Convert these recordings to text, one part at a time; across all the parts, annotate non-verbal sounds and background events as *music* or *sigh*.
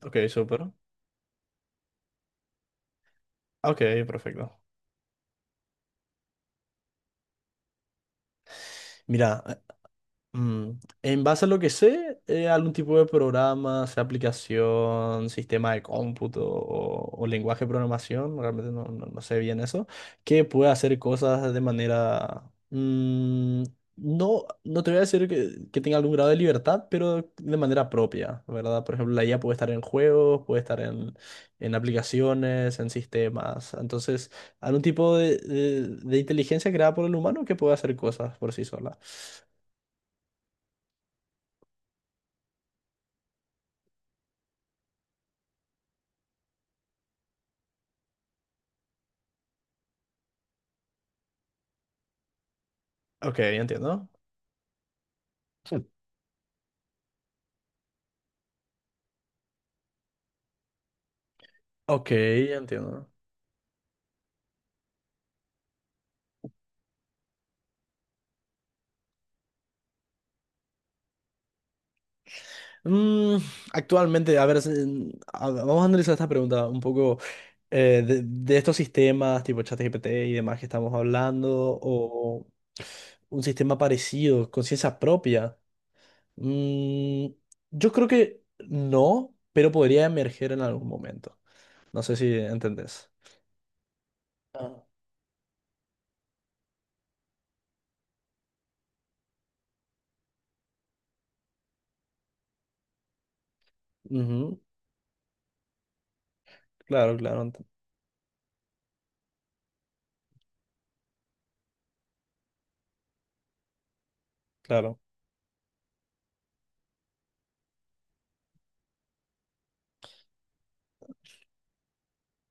Ok, súper. Ok, perfecto. Mira. En base a lo que sé, algún tipo de programa, sea aplicación, sistema de cómputo o lenguaje de programación, realmente no sé bien eso, que puede hacer cosas de manera, no, no te voy a decir que tenga algún grado de libertad, pero de manera propia, ¿verdad? Por ejemplo, la IA puede estar en juegos, puede estar en aplicaciones, en sistemas. Entonces, algún tipo de inteligencia creada por el humano que puede hacer cosas por sí sola. Ok, entiendo. Ok, entiendo. Mm, actualmente, a ver, vamos a analizar esta pregunta un poco de estos sistemas tipo ChatGPT y demás que estamos hablando, o un sistema parecido, conciencia propia. Mm, yo creo que no, pero podría emerger en algún momento. ¿No sé si entendés? Ah. Ujú. Claro, claro, ent- claro.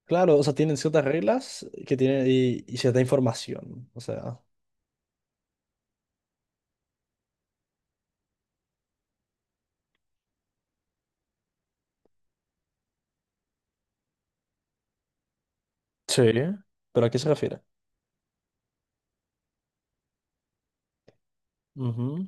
Claro, o sea, tienen ciertas reglas que tienen y cierta información. O sea. Sí, pero ¿a qué se refiere? Ujú.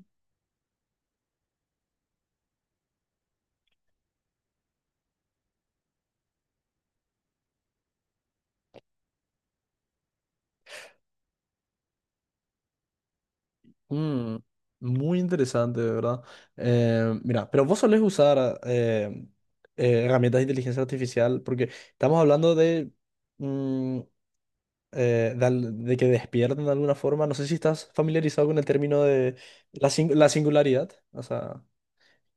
Mm, muy interesante, de verdad. Mira, pero vos solés usar herramientas de inteligencia artificial porque estamos hablando mm, de que despierten de alguna forma. No sé si estás familiarizado con el término de la, sin- la singularidad. O sea,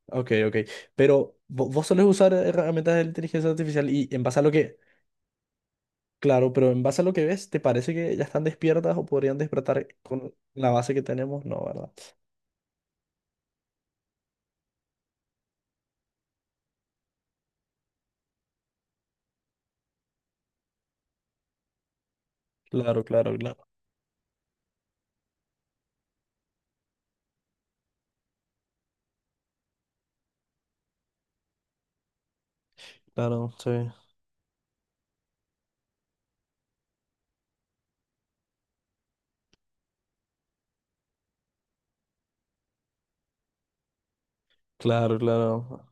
ok, ok. Vos solés usar herramientas de inteligencia artificial y en base a lo que claro, pero en base a lo que ves, ¿te parece que ya están despiertas o podrían despertar con la base que tenemos? No, ¿verdad? Claro, claro, claro, claro, sí. Claro, claro.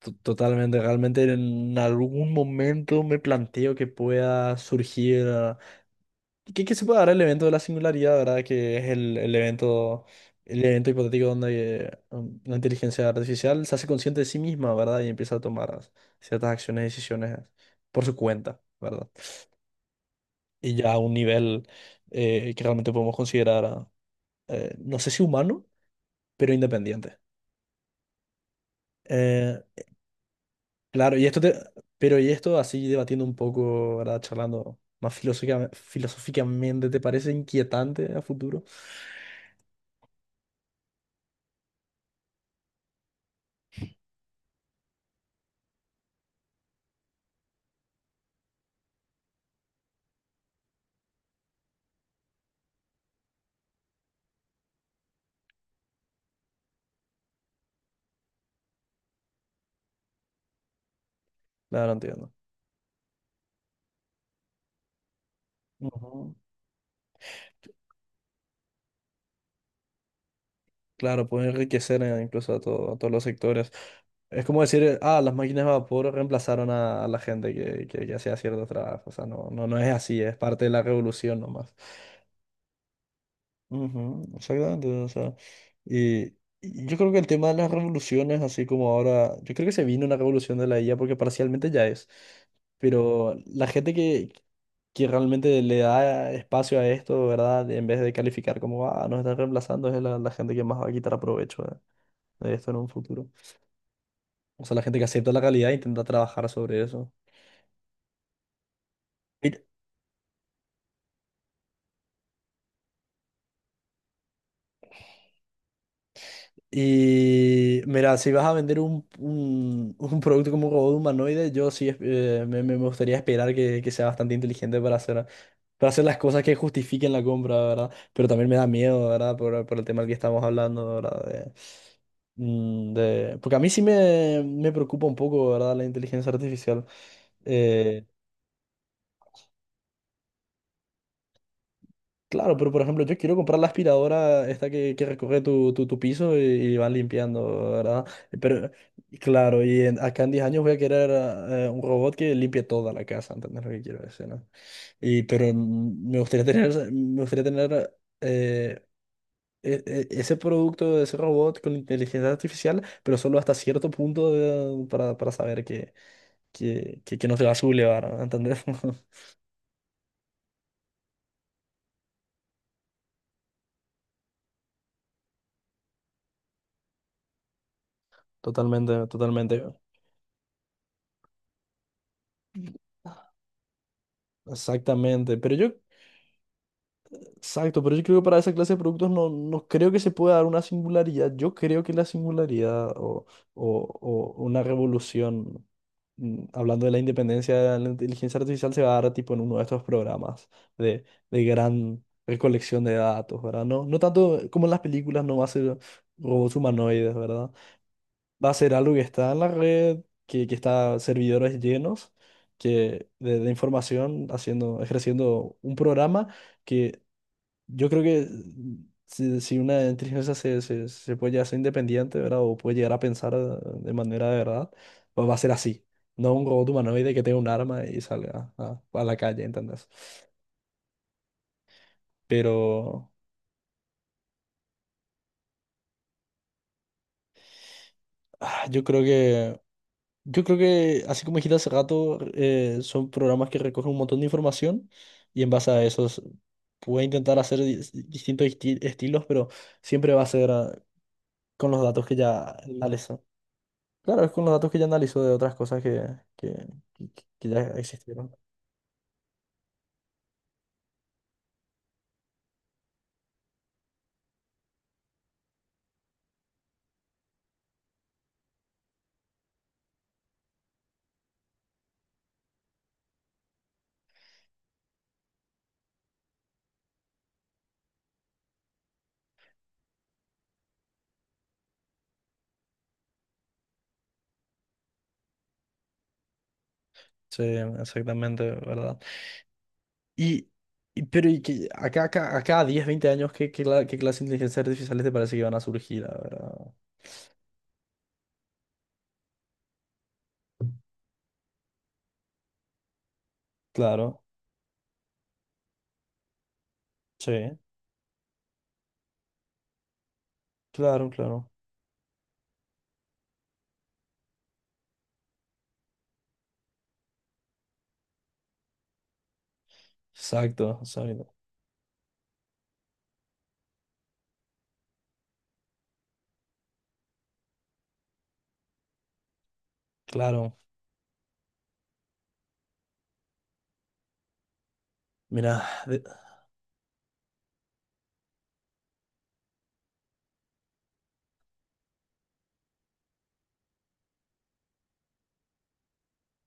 Totalmente, realmente en algún momento me planteo que pueda surgir, ah, que se pueda dar el evento de la singularidad, ¿verdad? Que es el evento hipotético donde la inteligencia artificial se hace consciente de sí misma, ¿verdad? Y empieza a tomar ciertas acciones y decisiones por su cuenta, ¿verdad? Y ya a un nivel que realmente podemos considerar, no sé si humano, pero independiente. Eh, claro, pero y esto así debatiendo un poco, ¿verdad? Charlando más filosóficamente, ¿te parece inquietante a futuro? Claro, entiendo. Ujú. Claro, puede enriquecer incluso a, a todos los sectores. Es como decir, ah, las máquinas de vapor reemplazaron a la gente que hacía ciertos trabajos. O sea, no es así, es parte de la revolución nomás. Ujú, exactamente, o sea, y, y yo creo que el tema de las revoluciones, así como ahora, yo creo que se vino una revolución de la IA porque parcialmente ya es, pero la gente que realmente le da espacio a esto, ¿verdad? En vez de calificar como, ah, nos están reemplazando, es la gente que más va a quitar provecho de esto en un futuro. O sea, la gente que acepta la realidad e intenta trabajar sobre eso. Y y mira, si vas a vender *laughs* un producto como un robot humanoide, yo sí me gustaría esperar que sea bastante inteligente para hacer las cosas que justifiquen la compra, ¿verdad? Pero también me da miedo, ¿verdad? Por el tema del que estamos hablando, ¿verdad? Porque a mí sí me preocupa un poco, ¿verdad? La inteligencia artificial. Eh, Claro, pero por ejemplo, yo quiero comprar la aspiradora esta que recoge tu piso y va limpiando, ¿verdad? Pero, claro, acá en 10 años voy a querer un robot que limpie toda la casa, ¿entendés lo que quiero decir, no? Y, pero me gustaría me gustaría tener eh, ese producto, ese robot con inteligencia artificial, pero solo hasta cierto punto para saber que no se va a sublevar, ¿entendés? *laughs* Totalmente, totalmente. Exactamente, pero yo exacto, pero yo creo que para esa clase de productos no, no creo que se pueda dar una singularidad. Yo creo que la singularidad o- o una revolución, mm, hablando de la independencia de la inteligencia artificial, se va a dar tipo en uno de estos programas de, de gran recolección de datos, ¿verdad? No, no tanto como en las películas, no va a ser robots humanoides, ¿verdad? Va a ser algo que está en la red, que está servidores llenos, que de información haciendo, ejerciendo un programa que yo creo que si una inteligencia se puede llegar a ser independiente, ¿verdad? O puede llegar a pensar de manera de verdad, pues va a ser así. No un robot humanoide que tenga un arma y salga a la calle, ¿entendés? Pero ah, yo creo que, así como dijiste hace rato, son programas que recogen un montón de información y en base a eso puede intentar hacer distintos estilos, pero siempre va a ser ah, con los datos que ya analizó. Claro, es con los datos que ya analizó de otras cosas que, que ya existieron. Sí, exactamente, ¿verdad? Y, pero y que acá a 10 20 años, ¿qué clase de inteligencia artificiales te parece que van a surgir, la verdad? Claro, sí, claro, claro. Exacto, exacto. Claro, mira, de-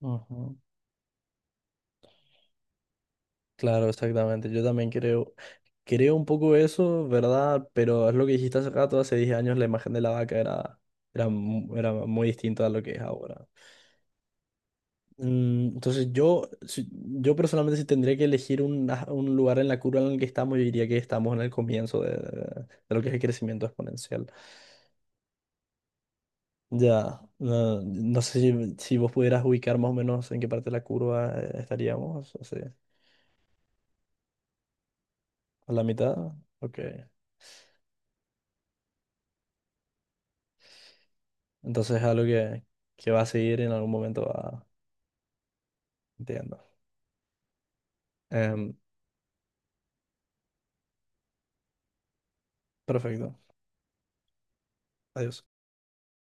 ujú, claro, exactamente. Creo un poco eso, ¿verdad? Pero es lo que dijiste hace rato, hace 10 años la imagen de la vaca era muy distinta a lo que es ahora. Mm, entonces yo, yo personalmente si tendría que elegir un, ah, un lugar en la curva en el que estamos, yo diría que estamos en el comienzo de lo que es el crecimiento exponencial. Ya, no sé si vos pudieras ubicar más o menos en qué parte de la curva estaríamos, o sea, a la mitad. Ok, entonces es algo que va a seguir en algún momento, va, entiendo. Em, perfecto, adiós.